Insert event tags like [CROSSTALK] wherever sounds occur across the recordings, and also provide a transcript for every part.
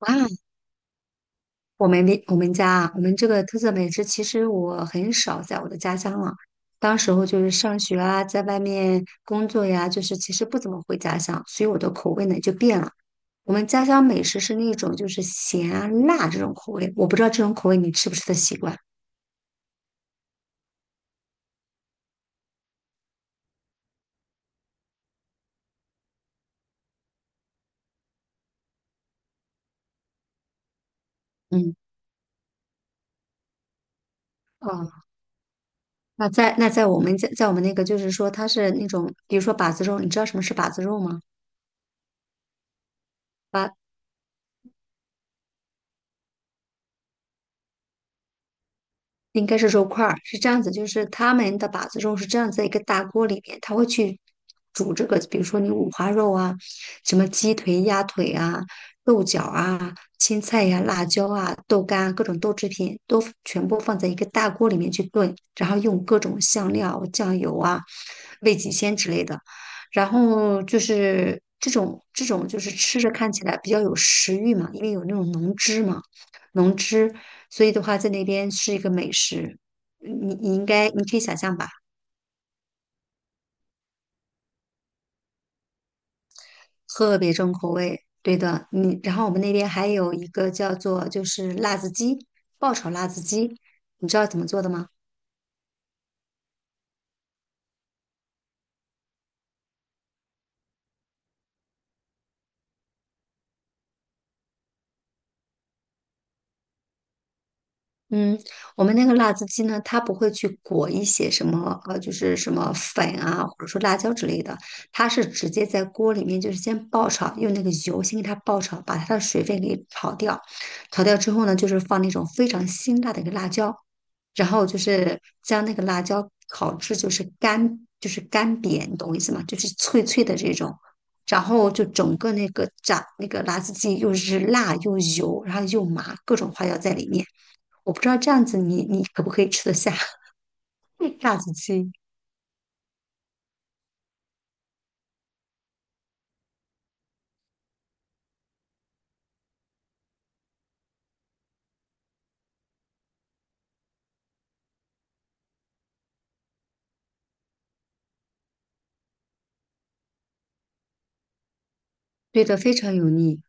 哇，我们家啊，我们这个特色美食，其实我很少在我的家乡了。当时候就是上学啊，在外面工作呀，就是其实不怎么回家乡，所以我的口味呢就变了。我们家乡美食是那种就是咸啊辣这种口味，我不知道这种口味你吃不吃得习惯。嗯。哦。那在那在我们在在我们那个就是说它是那种，比如说把子肉，你知道什么是把子肉吗？应该是肉块儿，是这样子，就是他们的把子肉是这样子一个大锅里面，他会去煮这个，比如说你五花肉啊，什么鸡腿、鸭腿啊、豆角啊、青菜呀、辣椒啊、豆干啊、各种豆制品都全部放在一个大锅里面去炖，然后用各种香料、酱油啊、味极鲜之类的，然后就是这种就是吃着看起来比较有食欲嘛，因为有那种浓汁嘛。能吃，所以的话在那边是一个美食，你你应该你可以想象吧。特别重口味。对的，你然后我们那边还有一个叫做就是辣子鸡，爆炒辣子鸡，你知道怎么做的吗？嗯，我们那个辣子鸡呢，它不会去裹一些什么就是什么粉啊，或者说辣椒之类的，它是直接在锅里面就是先爆炒，用那个油先给它爆炒，把它的水分给炒掉。炒掉之后呢，就是放那种非常辛辣的一个辣椒，然后就是将那个辣椒烤至就是干，就是干瘪，你懂我意思吗？就是脆脆的这种。然后就整个那个炸那个辣子鸡又是辣又油，然后又麻，各种花椒在里面。我不知道这样子你可不可以吃得下 [LAUGHS] 炸子鸡？对的，非常油腻。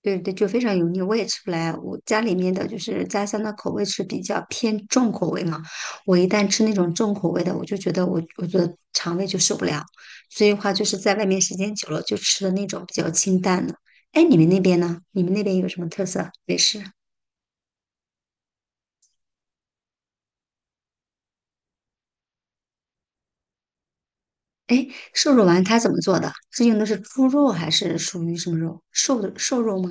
对对，就非常油腻，我也吃不来。我家里面的就是家乡的口味是比较偏重口味嘛，我一旦吃那种重口味的，我就觉得我的肠胃就受不了。所以的话就是在外面时间久了，就吃的那种比较清淡的。哎，你们那边呢？你们那边有什么特色美食？哎，瘦肉丸它怎么做的？是用的是猪肉还是属于什么肉？瘦的瘦肉吗？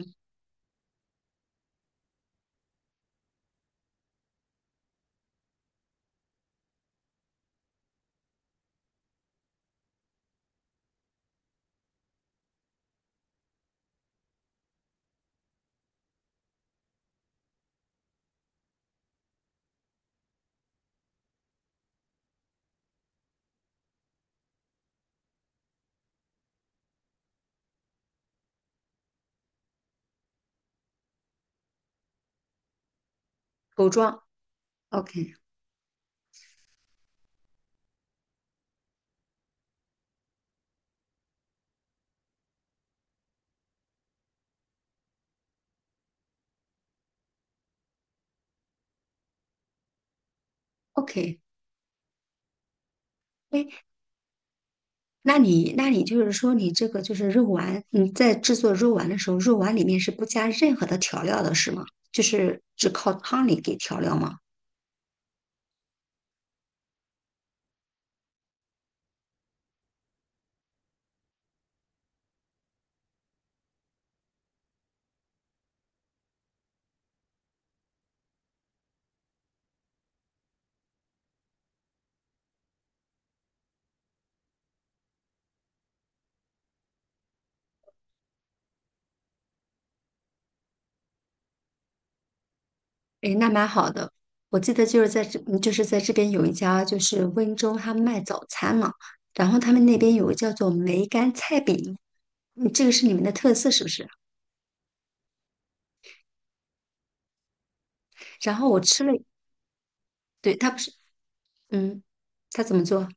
狗壮？OK。 OK。哎，那你就是说，你这个就是肉丸，你在制作肉丸的时候，肉丸里面是不加任何的调料的，是吗？就是只靠汤里给调料吗？哎，那蛮好的。我记得就是在这，就是在这边有一家就是温州，他卖早餐嘛，然后他们那边有个叫做梅干菜饼，嗯，这个是你们的特色是不是？然后我吃了，对，他不是，嗯，他怎么做？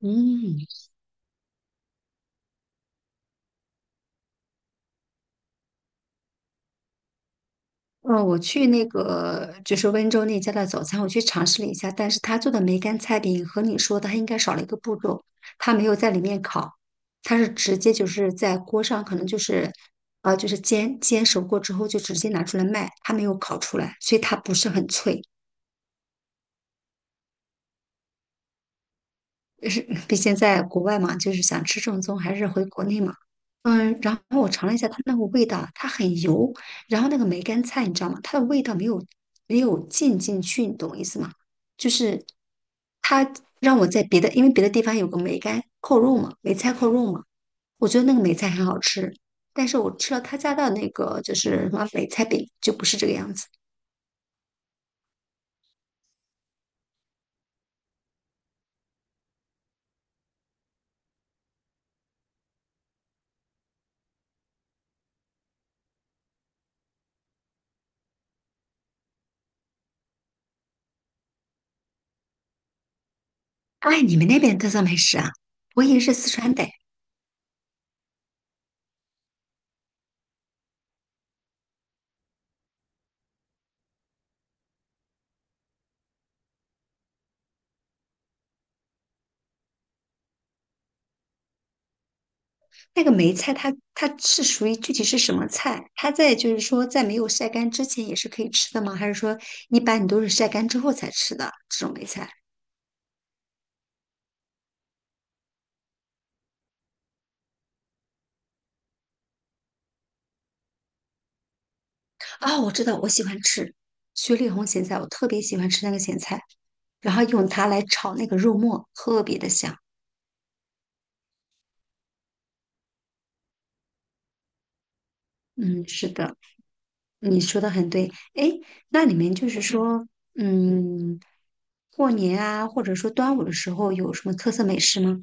嗯。嗯，我去那个就是温州那家的早餐，我去尝试了一下，但是他做的梅干菜饼和你说的，他应该少了一个步骤，他没有在里面烤，他是直接就是在锅上，可能就是就是煎煎熟过之后就直接拿出来卖，他没有烤出来，所以它不是很脆。是，毕竟在国外嘛，就是想吃正宗，还是回国内嘛。嗯，然后我尝了一下它那个味道，它很油，然后那个梅干菜你知道吗？它的味道没有浸进去，你懂我意思吗？就是它让我在别的，因为别的地方有个梅干扣肉嘛，梅菜扣肉嘛，我觉得那个梅菜很好吃，但是我吃了他家的那个就是什么梅菜饼，就不是这个样子。哎，你们那边的特色美食啊？我以为是四川的。那个梅菜它是属于具体是什么菜？它在就是说在没有晒干之前也是可以吃的吗？还是说一般你都是晒干之后才吃的这种梅菜？啊、我知道，我喜欢吃雪里红咸菜，我特别喜欢吃那个咸菜，然后用它来炒那个肉末，特别的香。嗯，是的，你说的很对。哎，那你们就是说，嗯，过年啊，或者说端午的时候有什么特色美食吗？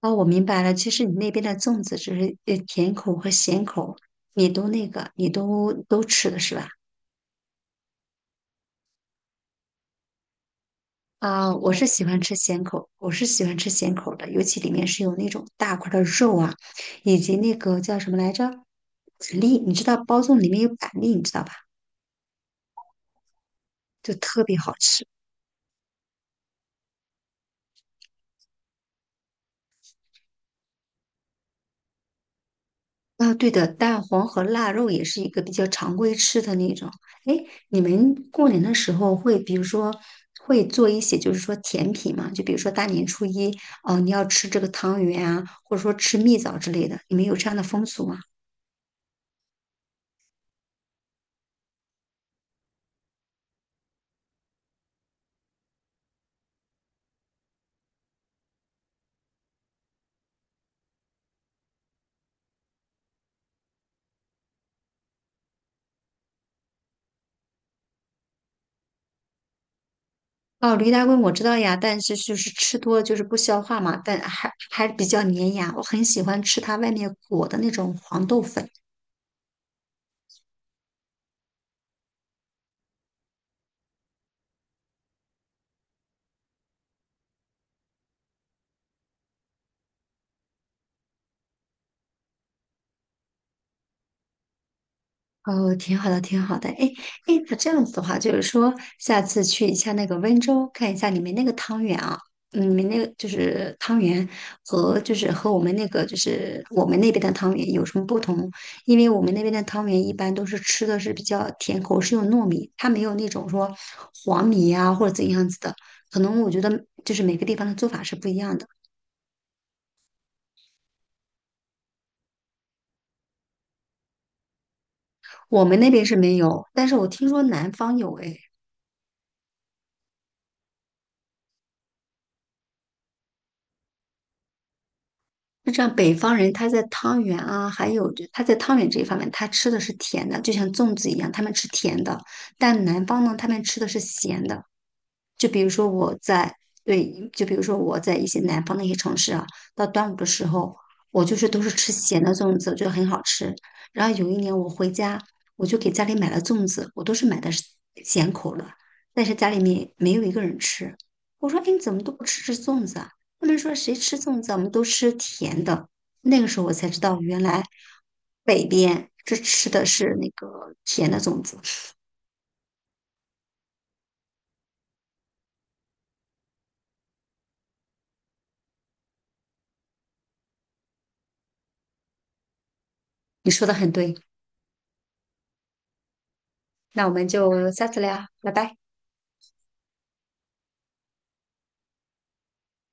哦，我明白了。其实你那边的粽子只是甜口和咸口，你都那个，你都吃的是吧？啊，我是喜欢吃咸口，我是喜欢吃咸口的，尤其里面是有那种大块儿的肉啊，以及那个叫什么来着，板栗，你知道包粽里面有板栗，你知道吧？就特别好吃。啊，对的，蛋黄和腊肉也是一个比较常规吃的那种。哎，你们过年的时候会，比如说会做一些，就是说甜品嘛，就比如说大年初一，哦，你要吃这个汤圆啊，或者说吃蜜枣之类的，你们有这样的风俗吗？哦，驴打滚我知道呀，但是就是吃多了就是不消化嘛，但还比较粘牙，我很喜欢吃它外面裹的那种黄豆粉。哦，挺好的，挺好的。哎，哎，那这样子的话，就是说下次去一下那个温州，看一下你们那个汤圆啊，嗯，你们那个就是汤圆和就是和我们那个就是我们那边的汤圆有什么不同？因为我们那边的汤圆一般都是吃的是比较甜口，是用糯米，它没有那种说黄米啊或者怎样子的。可能我觉得就是每个地方的做法是不一样的，我们那边是没有，但是我听说南方有哎。就这样，北方人他在汤圆啊，还有就他在汤圆这一方面，他吃的是甜的，就像粽子一样，他们吃甜的；但南方呢，他们吃的是咸的。就比如说我在对，就比如说我在一些南方的一些城市啊，到端午的时候，我就是都是吃咸的粽子，我觉得很好吃。然后有一年我回家，我就给家里买了粽子，我都是买的是咸口的，但是家里面没有一个人吃。我说：“哎，你怎么都不吃粽子啊？”他们说：“谁吃粽子啊，我们都吃甜的。”那个时候我才知道，原来北边这吃的是那个甜的粽子。你说的很对，那我们就下次聊，拜拜。